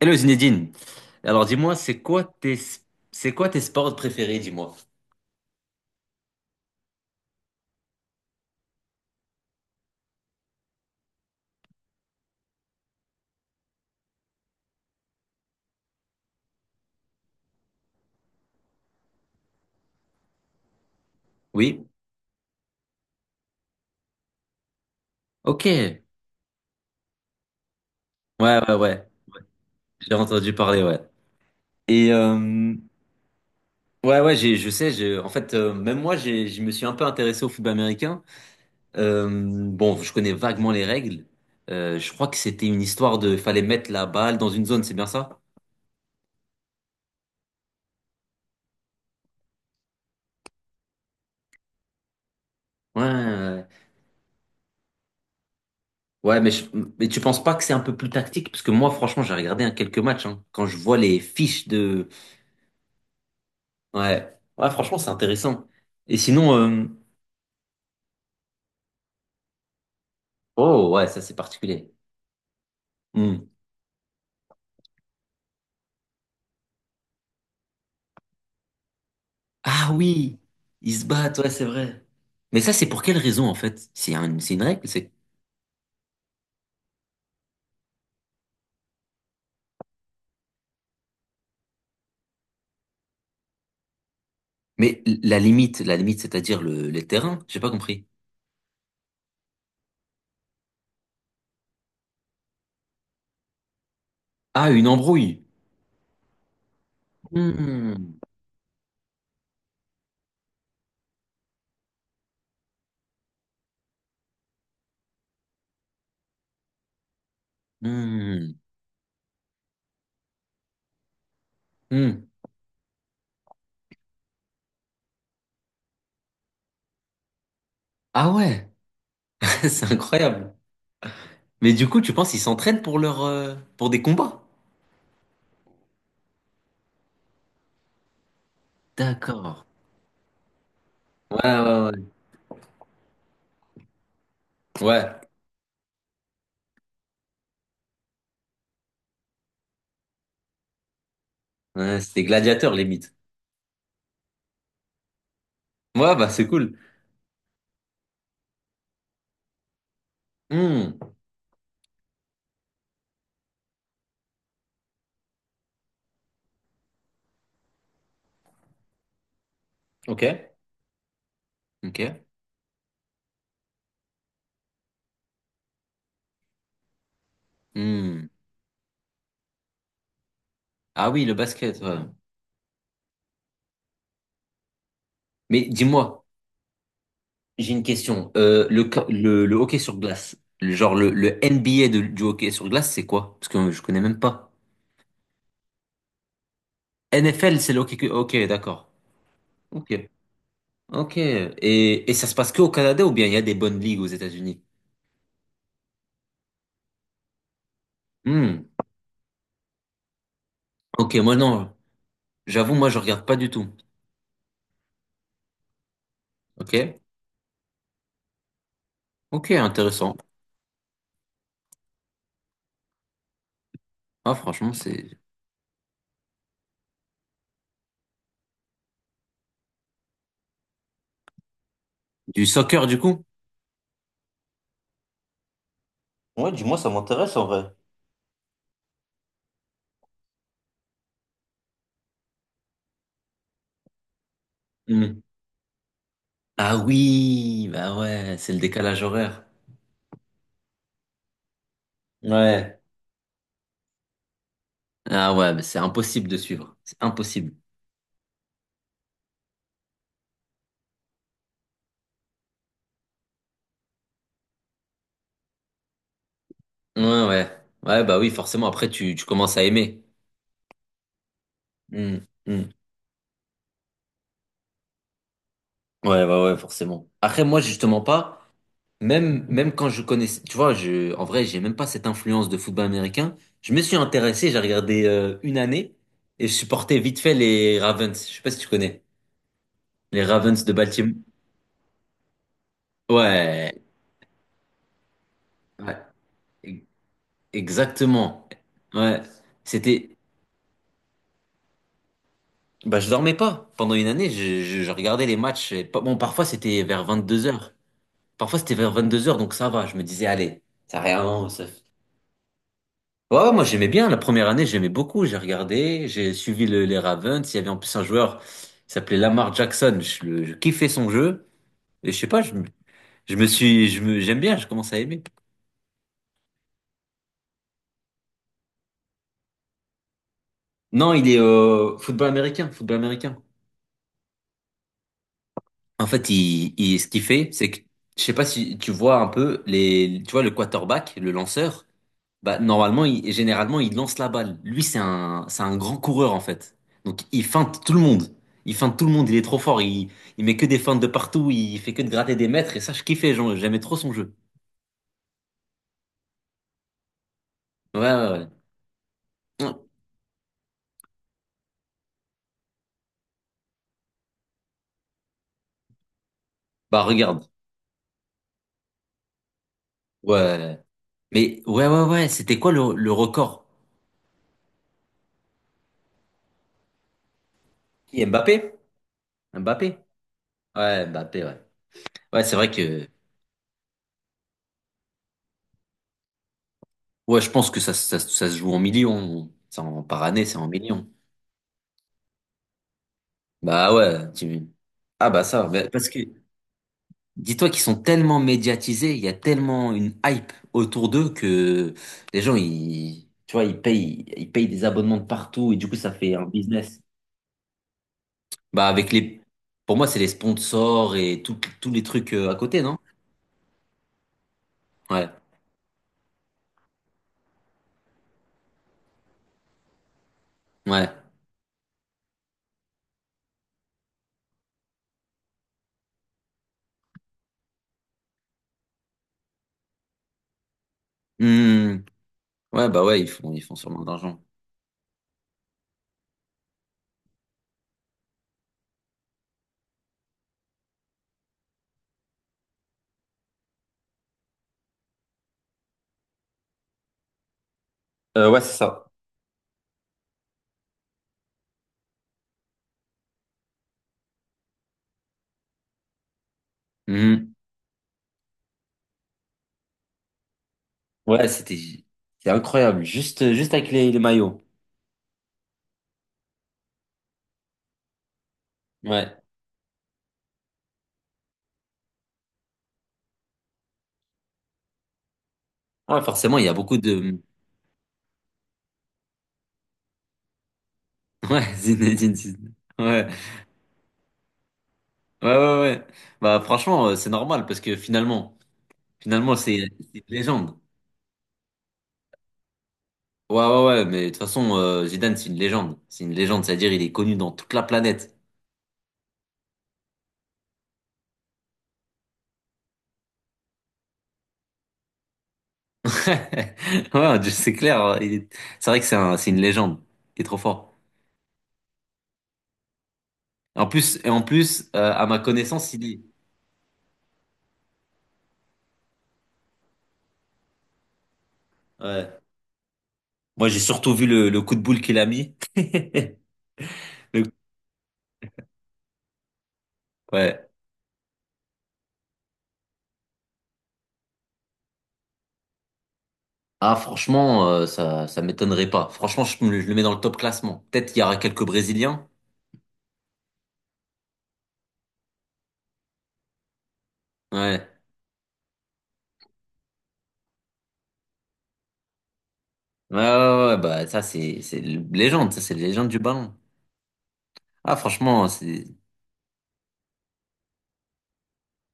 Hello Zinedine. Alors dis-moi, c'est quoi tes sports préférés, dis-moi. Oui? Ok. Ouais, ouais, ouais. J'ai entendu parler, ouais. Et ouais, ouais, je sais, en fait, même moi, je me suis un peu intéressé au football américain. Euh, bon, je connais vaguement les règles. Je crois que c'était une histoire de fallait mettre la balle dans une zone, c'est bien ça? Ouais, ouais. Ouais, mais, mais tu penses pas que c'est un peu plus tactique? Parce que moi, franchement, j'ai regardé, hein, quelques matchs. Hein. Quand je vois les fiches de, ouais. Ouais, franchement, c'est intéressant. Et sinon, oh ouais, ça c'est particulier. Hmm. Ah oui, ils se battent, ouais, c'est vrai. Mais ça, c'est pour quelle raison en fait? C'est une règle, c'est. Mais la limite, c'est-à-dire les terrains, j'ai pas compris. Ah, une embrouille. Hmm. Hmm. Hmm. Ah ouais, c'est incroyable. Mais du coup, tu penses qu'ils s'entraînent pour leur, pour des combats? D'accord. Ouais, ouais, ouais. Ouais. Ouais, c'est des gladiateurs limite. Ouais, bah c'est cool. Hmm. Ok. Ok. Hmm. Ah oui, le basket. Ouais. Mais dis-moi, j'ai une question. Le hockey sur glace, genre le NBA du hockey sur glace, c'est quoi? Parce que je connais même pas. NFL, c'est le hockey. Ok, d'accord. Ok. Ok. Et ça se passe que au Canada ou bien il y a des bonnes ligues aux États-Unis? Hmm. Ok, moi non. J'avoue, moi je regarde pas du tout. Ok. Ok, intéressant. Ah, franchement, c'est du soccer du coup? Ouais, dis-moi, ça m'intéresse en vrai. Ah oui, bah ouais, c'est le décalage horaire. Ouais. Ah ouais, mais c'est impossible de suivre. C'est impossible. Ouais, ouais. Ouais, bah oui, forcément, après, tu commences à aimer. Hmm, hmm. Ouais, bah ouais, forcément. Après, moi, justement pas, même, même quand je connaissais, tu vois, je, en vrai, j'ai même pas cette influence de football américain. Je me suis intéressé, j'ai regardé une année et je supportais vite fait les Ravens. Je sais pas si tu connais. Les Ravens de Baltimore. Ouais, ouais, e- exactement. Ouais, c'était, bah, je dormais pas. Pendant une année, je regardais les matchs. Bon, parfois c'était vers 22 heures. Parfois c'était vers vingt-deux heures, donc ça va. Je me disais, allez, ça rien. Ça- Ouais, ouais, moi j'aimais bien. La première année, j'aimais beaucoup. J'ai regardé, j'ai suivi les Ravens. Il y avait en plus un joueur qui s'appelait Lamar Jackson. Je kiffais son jeu. Et je sais pas, je me, j'aime bien, je commence à aimer. Non, il est football américain, football américain. En fait, il, ce qu'il fait, c'est que, je sais pas si tu vois un peu les, tu vois le quarterback, le lanceur. Bah, normalement, généralement, il lance la balle. Lui, c'est un grand coureur, en fait. Donc, il feinte tout le monde. Il feinte tout le monde. Il est trop fort. Il met que des feintes de partout. Il fait que de gratter des mètres. Et ça, je kiffais. Genre, j'aimais trop son jeu. Ouais, ouais, ouais. Hum. Bah, regarde. Ouais. Mais, ouais, ouais, ouais. C'était quoi le record? Qui, Mbappé? Mbappé? Ouais, Mbappé, ouais. Ouais, c'est vrai que, ouais, je pense que ça se joue en millions. C'est en, par année, c'est en millions. Bah, ouais. Tu- ah, bah, ça. Bah, parce que, dis-toi qu'ils sont tellement médiatisés, il y a tellement une hype autour d'eux que les gens, ils, tu vois, ils payent des abonnements de partout et du coup, ça fait un business. Bah, avec les, pour moi, c'est les sponsors et tous les trucs à côté, non? Ouais, ouais. Hmm. Ouais, bah ouais, ils font sûrement de l'argent. Ouais, c'est ça. Mhm. Ouais, c'était, c'est incroyable. Juste, juste avec les maillots. Ouais. Ouais, forcément, il y a beaucoup de, ouais, Zinedine Zidane. Ouais. Ouais, ouais, ouais. Bah, franchement, c'est normal parce que finalement, finalement, c'est une légende. Ouais, ouais, ouais, mais de toute façon, Zidane, c'est une légende. C'est une légende, c'est-à-dire, il est connu dans toute la planète. Ouais, c'est clair. Hein, il est- c'est vrai que c'est une légende. Il est trop fort. En plus, et en plus, à ma connaissance, il est. Ouais. Moi, j'ai surtout vu le coup de boule qu'il a mis. Le- Ouais. Ah, franchement, ça, ça m'étonnerait pas. Franchement, je le mets dans le top classement. Peut-être qu'il y aura quelques Brésiliens. Ouais. Ouais, ouais, ouais, bah, ça, c'est une légende, ça, c'est une légende du ballon. Ah, franchement, c'est,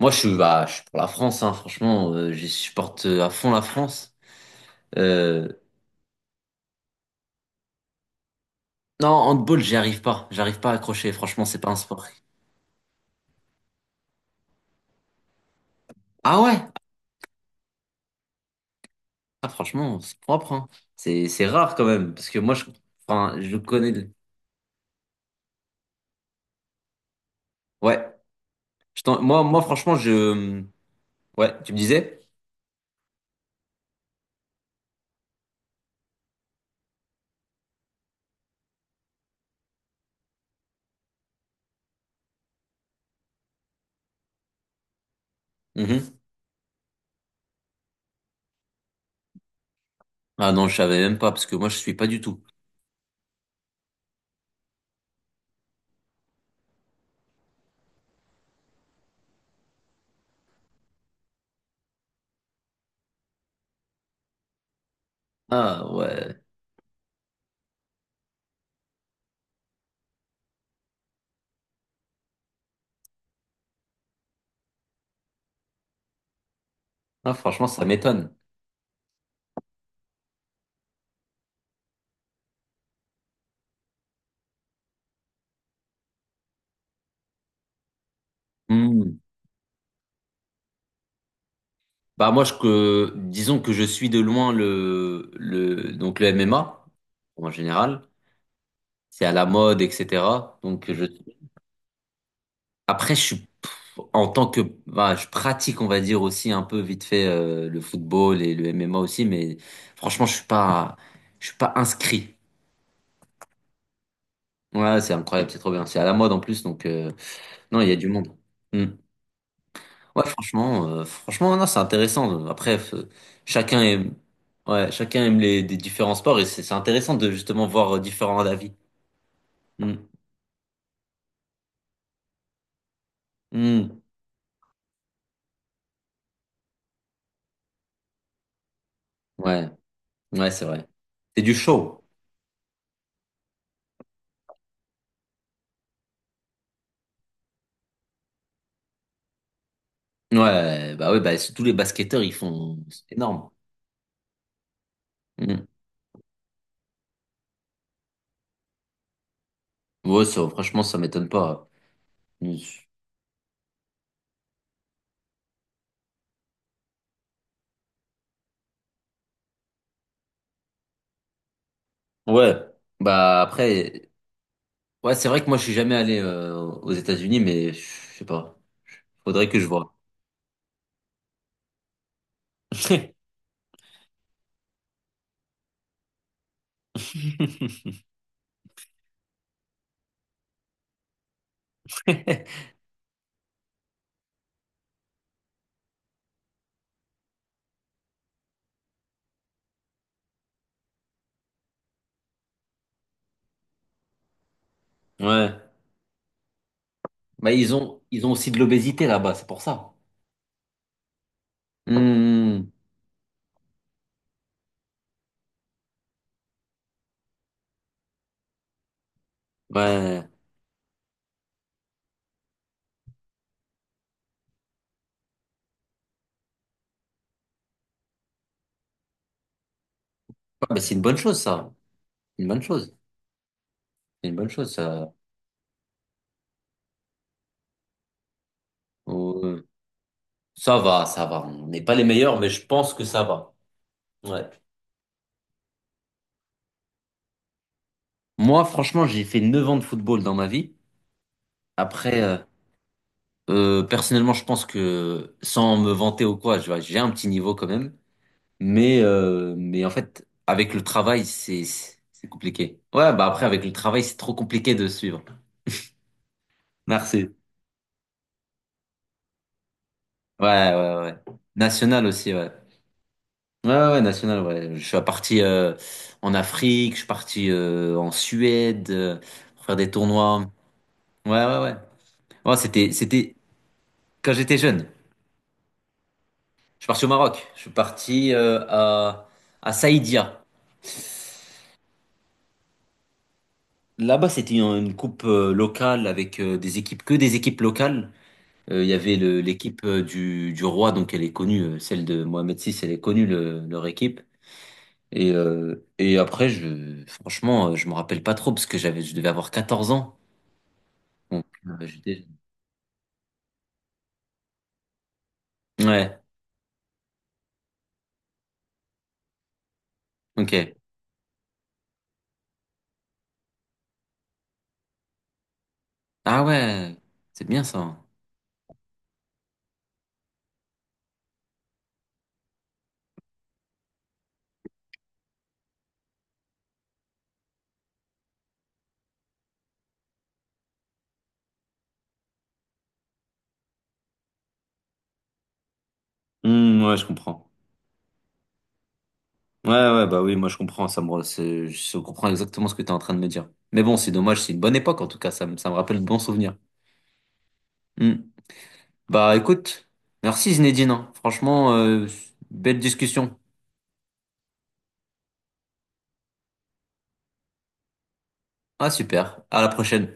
moi, je suis, bah, je suis pour la France, hein, franchement, je supporte à fond la France. Euh, non, handball, j'y arrive pas, j'arrive pas à accrocher, franchement, c'est pas un sport. Ah ouais? Ah, franchement, c'est propre, hein. C'est rare quand même, parce que moi, je, enfin, je connais, ouais, moi, moi, franchement, je, ouais, tu me disais? Mhm. Ah non, je savais même pas, parce que moi, je suis pas du tout. Ah ouais. Ah, franchement, ça m'étonne. Hmm. Bah moi, disons que je suis de loin donc le MMA, en général. C'est à la mode, etc. Donc je, après, je suis, pff, en tant que, bah, je pratique, on va dire aussi un peu vite fait le football et le MMA aussi, mais franchement, je suis pas inscrit. Ouais, c'est incroyable, c'est trop bien. C'est à la mode en plus, donc non, il y a du monde. Hmm. Ouais, franchement, franchement, non, c'est intéressant. Après, f- chacun aime, ouais, chacun aime les, des différents sports et c'est intéressant de justement voir différents avis. Mm. Mm. Ouais, ouais, c'est vrai. C'est du show. Ouais, bah oui, bah c'est- tous les basketteurs, ils font, c'est énorme. Mm. Ouais, ça, franchement, ça m'étonne pas. Mm. Ouais, bah après, ouais, c'est vrai que moi, je suis jamais allé aux États-Unis, mais je sais pas. Faudrait que je voie. Ouais. Mais ils ont aussi de l'obésité là-bas, c'est pour ça. Hmm. Ouais. Ouais, bah, c'est une bonne chose, ça. Une bonne chose. C'est une bonne chose, ça. Euh, Ça va, ça va. On n'est pas les meilleurs, mais je pense que ça va. Ouais. Moi, franchement, j'ai fait 9 ans de football dans ma vie. Après, personnellement, je pense que sans me vanter ou quoi, je vois, j'ai un petit niveau quand même. Mais en fait, avec le travail, c'est compliqué. Ouais, bah après, avec le travail, c'est trop compliqué de suivre. Merci. Ouais, ouais, ouais. National aussi, ouais. Ouais, ouais, ouais, national, ouais. Je suis parti en Afrique, je suis parti en Suède pour faire des tournois. Ouais, ouais, ouais. Ouais, c'était, c'était quand j'étais jeune. Je suis parti au Maroc. Je suis parti à Saïdia. Là-bas, c'était une coupe locale avec des équipes, que des équipes locales. Il y avait l'équipe du roi, donc elle est connue, celle de Mohamed VI, elle est connue, leur équipe. Et après, je, franchement, je me rappelle pas trop parce que je devais avoir 14 ans. Donc, j'étais- Ouais, ok. Ah ouais, c'est bien ça. Hmm, ouais, je comprends. Ouais, ouais, bah oui, moi je comprends, je comprends exactement ce que tu es en train de me dire. Mais bon, c'est dommage, c'est une bonne époque en tout cas, ça me rappelle de bons souvenirs. Hmm. Bah écoute, merci Zinedine, hein. Franchement, belle discussion. Ah super, à la prochaine.